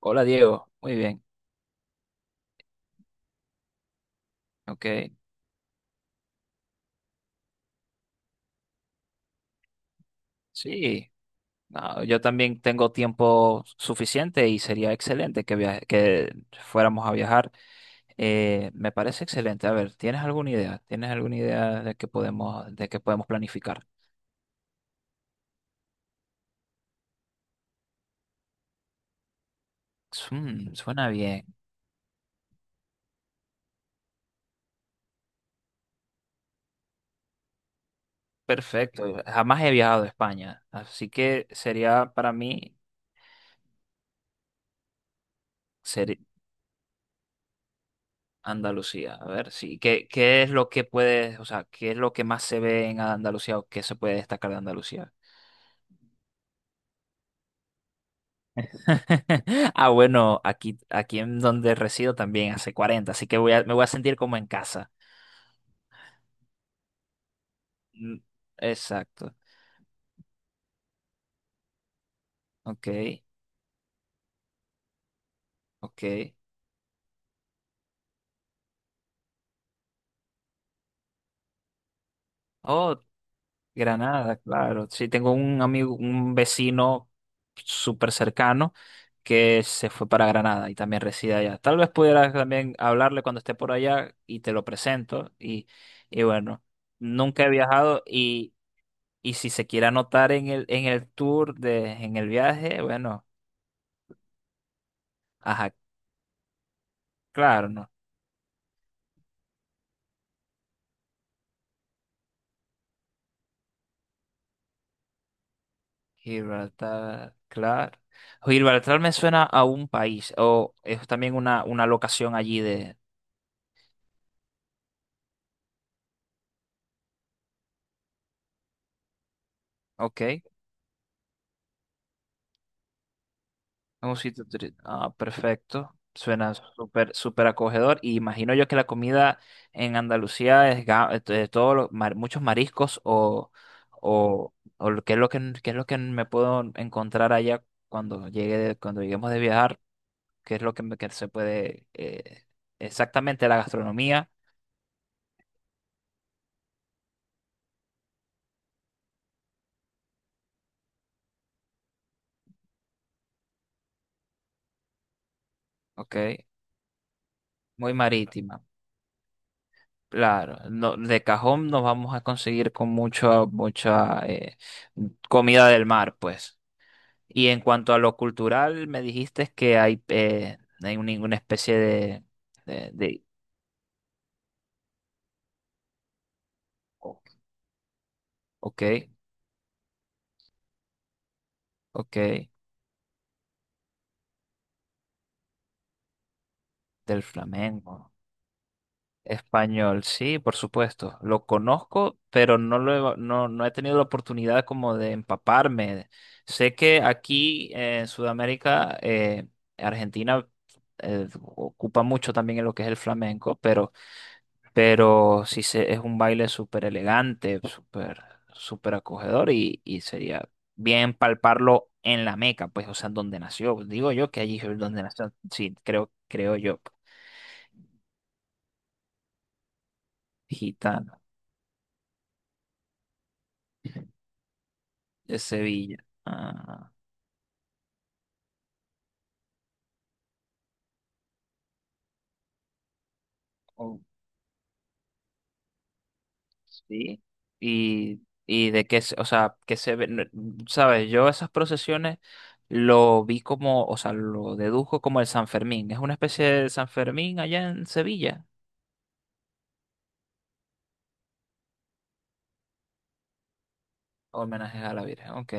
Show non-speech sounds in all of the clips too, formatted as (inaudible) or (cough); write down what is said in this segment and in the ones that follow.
Hola Diego, muy bien, ok. Sí, no, yo también tengo tiempo suficiente y sería excelente que fuéramos a viajar. Me parece excelente. A ver, ¿tienes alguna idea? ¿Tienes alguna idea de que podemos planificar? Suena bien, perfecto. Jamás he viajado a España, así que sería para mí ser Andalucía. A ver, sí, ¿qué es lo que puedes, o sea, qué es lo que más se ve en Andalucía o qué se puede destacar de Andalucía? (laughs) Ah, bueno, aquí en donde resido también hace 40, así que me voy a sentir como en casa. Mm, exacto. Ok, ok. Oh, Granada, claro. Sí, tengo un amigo, un vecino súper cercano que se fue para Granada y también reside allá. Tal vez pudieras también hablarle cuando esté por allá y te lo presento. Y bueno, nunca he viajado y si se quiere anotar en el tour de, en el viaje, bueno. Ajá, claro, no. Gibraltar, claro. Gibraltar me suena a un país, o es también una locación allí de. Ok, es un sitio. Ah, perfecto. Suena súper, súper acogedor. Y imagino yo que la comida en Andalucía es de todo muchos mariscos qué es lo que, me puedo encontrar allá cuando llegue, cuando lleguemos de viajar, qué es lo que, que se puede. Exactamente la gastronomía. Ok. Muy marítima, claro. No, de cajón nos vamos a conseguir con mucha, mucha comida del mar, pues. Y en cuanto a lo cultural, me dijiste que no hay ninguna especie de, de, de- o- ok, ok, del flamenco. Español, sí, por supuesto. Lo conozco, pero no he tenido la oportunidad como de empaparme. Sé que aquí en Sudamérica, Argentina ocupa mucho también en lo que es el flamenco, pero sí, es un baile súper elegante, súper, súper acogedor y sería bien palparlo en la Meca, pues, o sea, donde nació. Digo yo que allí es donde nació. Sí, creo, creo yo. Gitano de Sevilla. Ah. Oh, sí. Y de qué, o sea, que se ve, sabes, yo esas procesiones lo vi como, o sea, lo deduzco como el San Fermín. Es una especie de San Fermín allá en Sevilla. Homenaje a la Virgen, ok.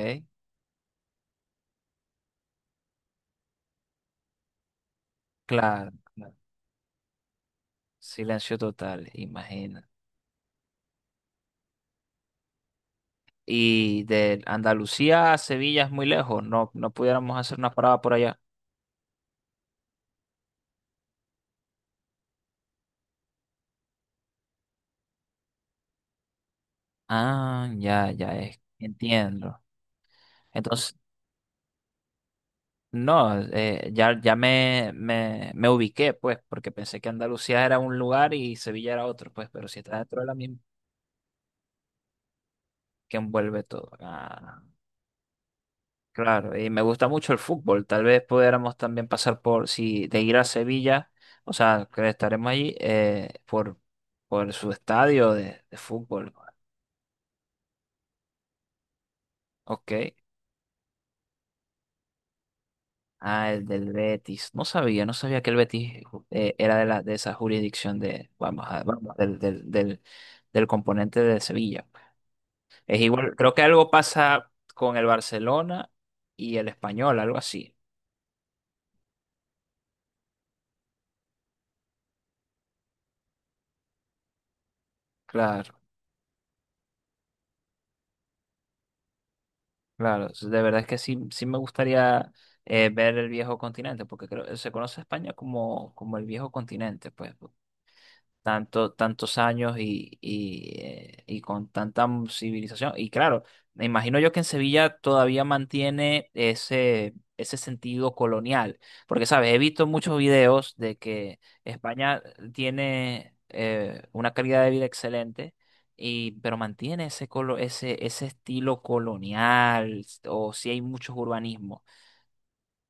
Claro, claro. Silencio total, imagina. Y de Andalucía a Sevilla es muy lejos, no, no pudiéramos hacer una parada por allá. Ah, ya, entiendo. Entonces, no, ya me ubiqué, pues, porque pensé que Andalucía era un lugar y Sevilla era otro, pues, pero si está dentro de la misma, que envuelve todo. Ah, claro, y me gusta mucho el fútbol. Tal vez pudiéramos también pasar por, si de ir a Sevilla, o sea, que estaremos allí, por su estadio de fútbol. Ok. Ah, el del Betis. No sabía que el Betis era de esa jurisdicción de, vamos, a- vamos, del, del, del, del componente de Sevilla. Es igual, creo que algo pasa con el Barcelona y el Español, algo así. Claro, claro. De verdad es que sí, sí me gustaría ver el viejo continente, porque creo, se conoce a España como, como el viejo continente, pues, tanto, tantos años y con tanta civilización. Y claro, me imagino yo que en Sevilla todavía mantiene ese sentido colonial, porque, ¿sabes? He visto muchos videos de que España tiene una calidad de vida excelente. Y, pero mantiene ese estilo colonial, o si hay muchos urbanismos.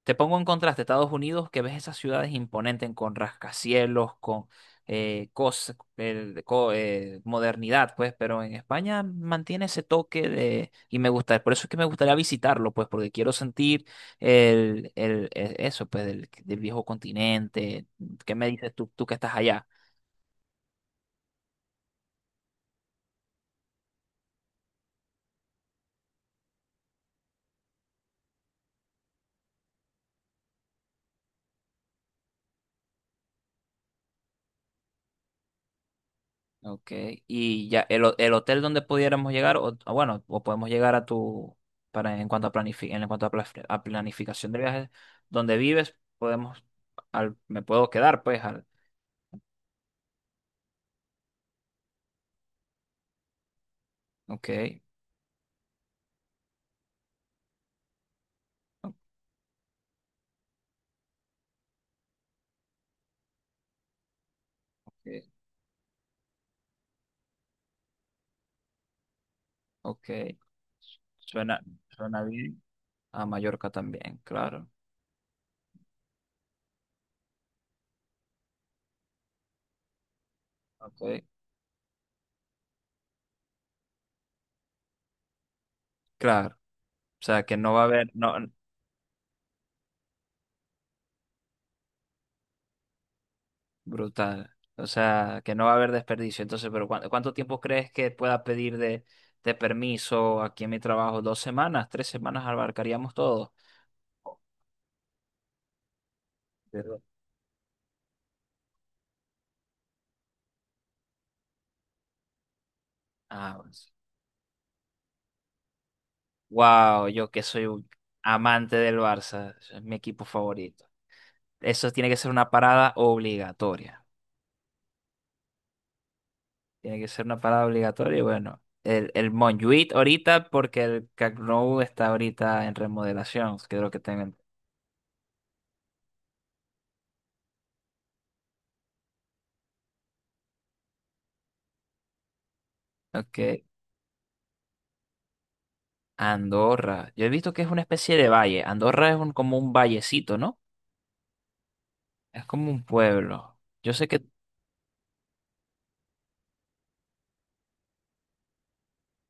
Te pongo en contraste Estados Unidos, que ves esas ciudades imponentes con rascacielos, con modernidad, pues, pero en España mantiene ese toque de. Y me gusta, por eso es que me gustaría visitarlo, pues, porque quiero sentir eso, pues, del viejo continente. ¿Qué me dices tú que estás allá? Ok, y ya el hotel donde pudiéramos llegar, o o podemos llegar a tu, para en cuanto a a planificación de viajes, donde vives, podemos, al, me puedo quedar, pues, al, ok, ok, ok, suena, suena bien, a Mallorca también, claro, ok, claro, o sea que no va a haber, no, brutal. O sea, que no va a haber desperdicio. Entonces, pero ¿cuánto tiempo crees que pueda pedir de, permiso aquí en mi trabajo? ¿2 semanas? ¿3 semanas abarcaríamos todo? Pero. Ah, wow, yo que soy un amante del Barça, es mi equipo favorito. Eso tiene que ser una parada obligatoria. Tiene que ser una parada obligatoria y bueno, el Montjuïc ahorita porque el Camp Nou está ahorita en remodelación, creo que tengan. Ok. Andorra. Yo he visto que es una especie de valle. Andorra es un, como un vallecito, ¿no? Es como un pueblo. Yo sé que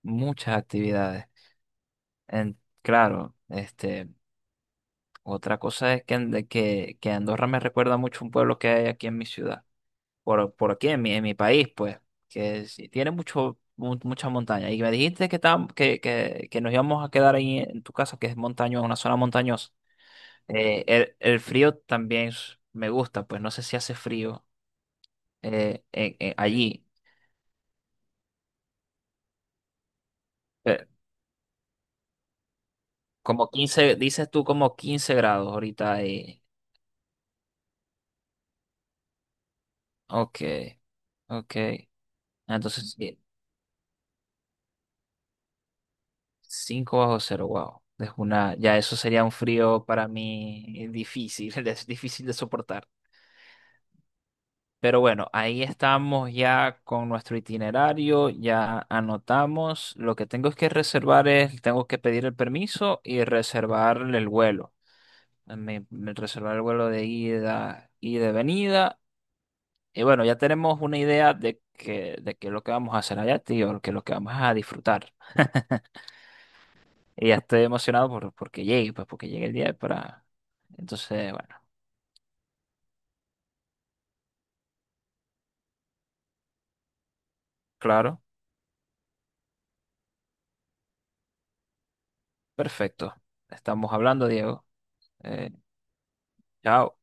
muchas actividades. Claro, este, otra cosa es que, que Andorra me recuerda mucho a un pueblo que hay aquí en mi ciudad. Por aquí, en mi país, pues, que sí, tiene mucha montaña. Y me dijiste que nos íbamos a quedar ahí en tu casa, que es montañosa, una zona montañosa. El frío también me gusta, pues no sé si hace frío. Allí. Eh, Como 15 dices tú como 15 grados ahorita ahí. Ok, ok. Ah, entonces, 5 bajo cero, wow. Ya eso sería un frío para mí difícil, (laughs) es difícil de soportar. Pero bueno, ahí estamos ya con nuestro itinerario, ya anotamos. Lo que tengo es que reservar tengo que pedir el permiso y reservar el vuelo. Reservar el vuelo de ida y de venida. Y bueno, ya tenemos una idea de qué es lo que vamos a hacer allá, tío, que es lo que vamos a disfrutar. Y ya estoy emocionado porque llegue, pues porque llegue el día para. Entonces, bueno, claro, perfecto. Estamos hablando, Diego. Eh, Chao.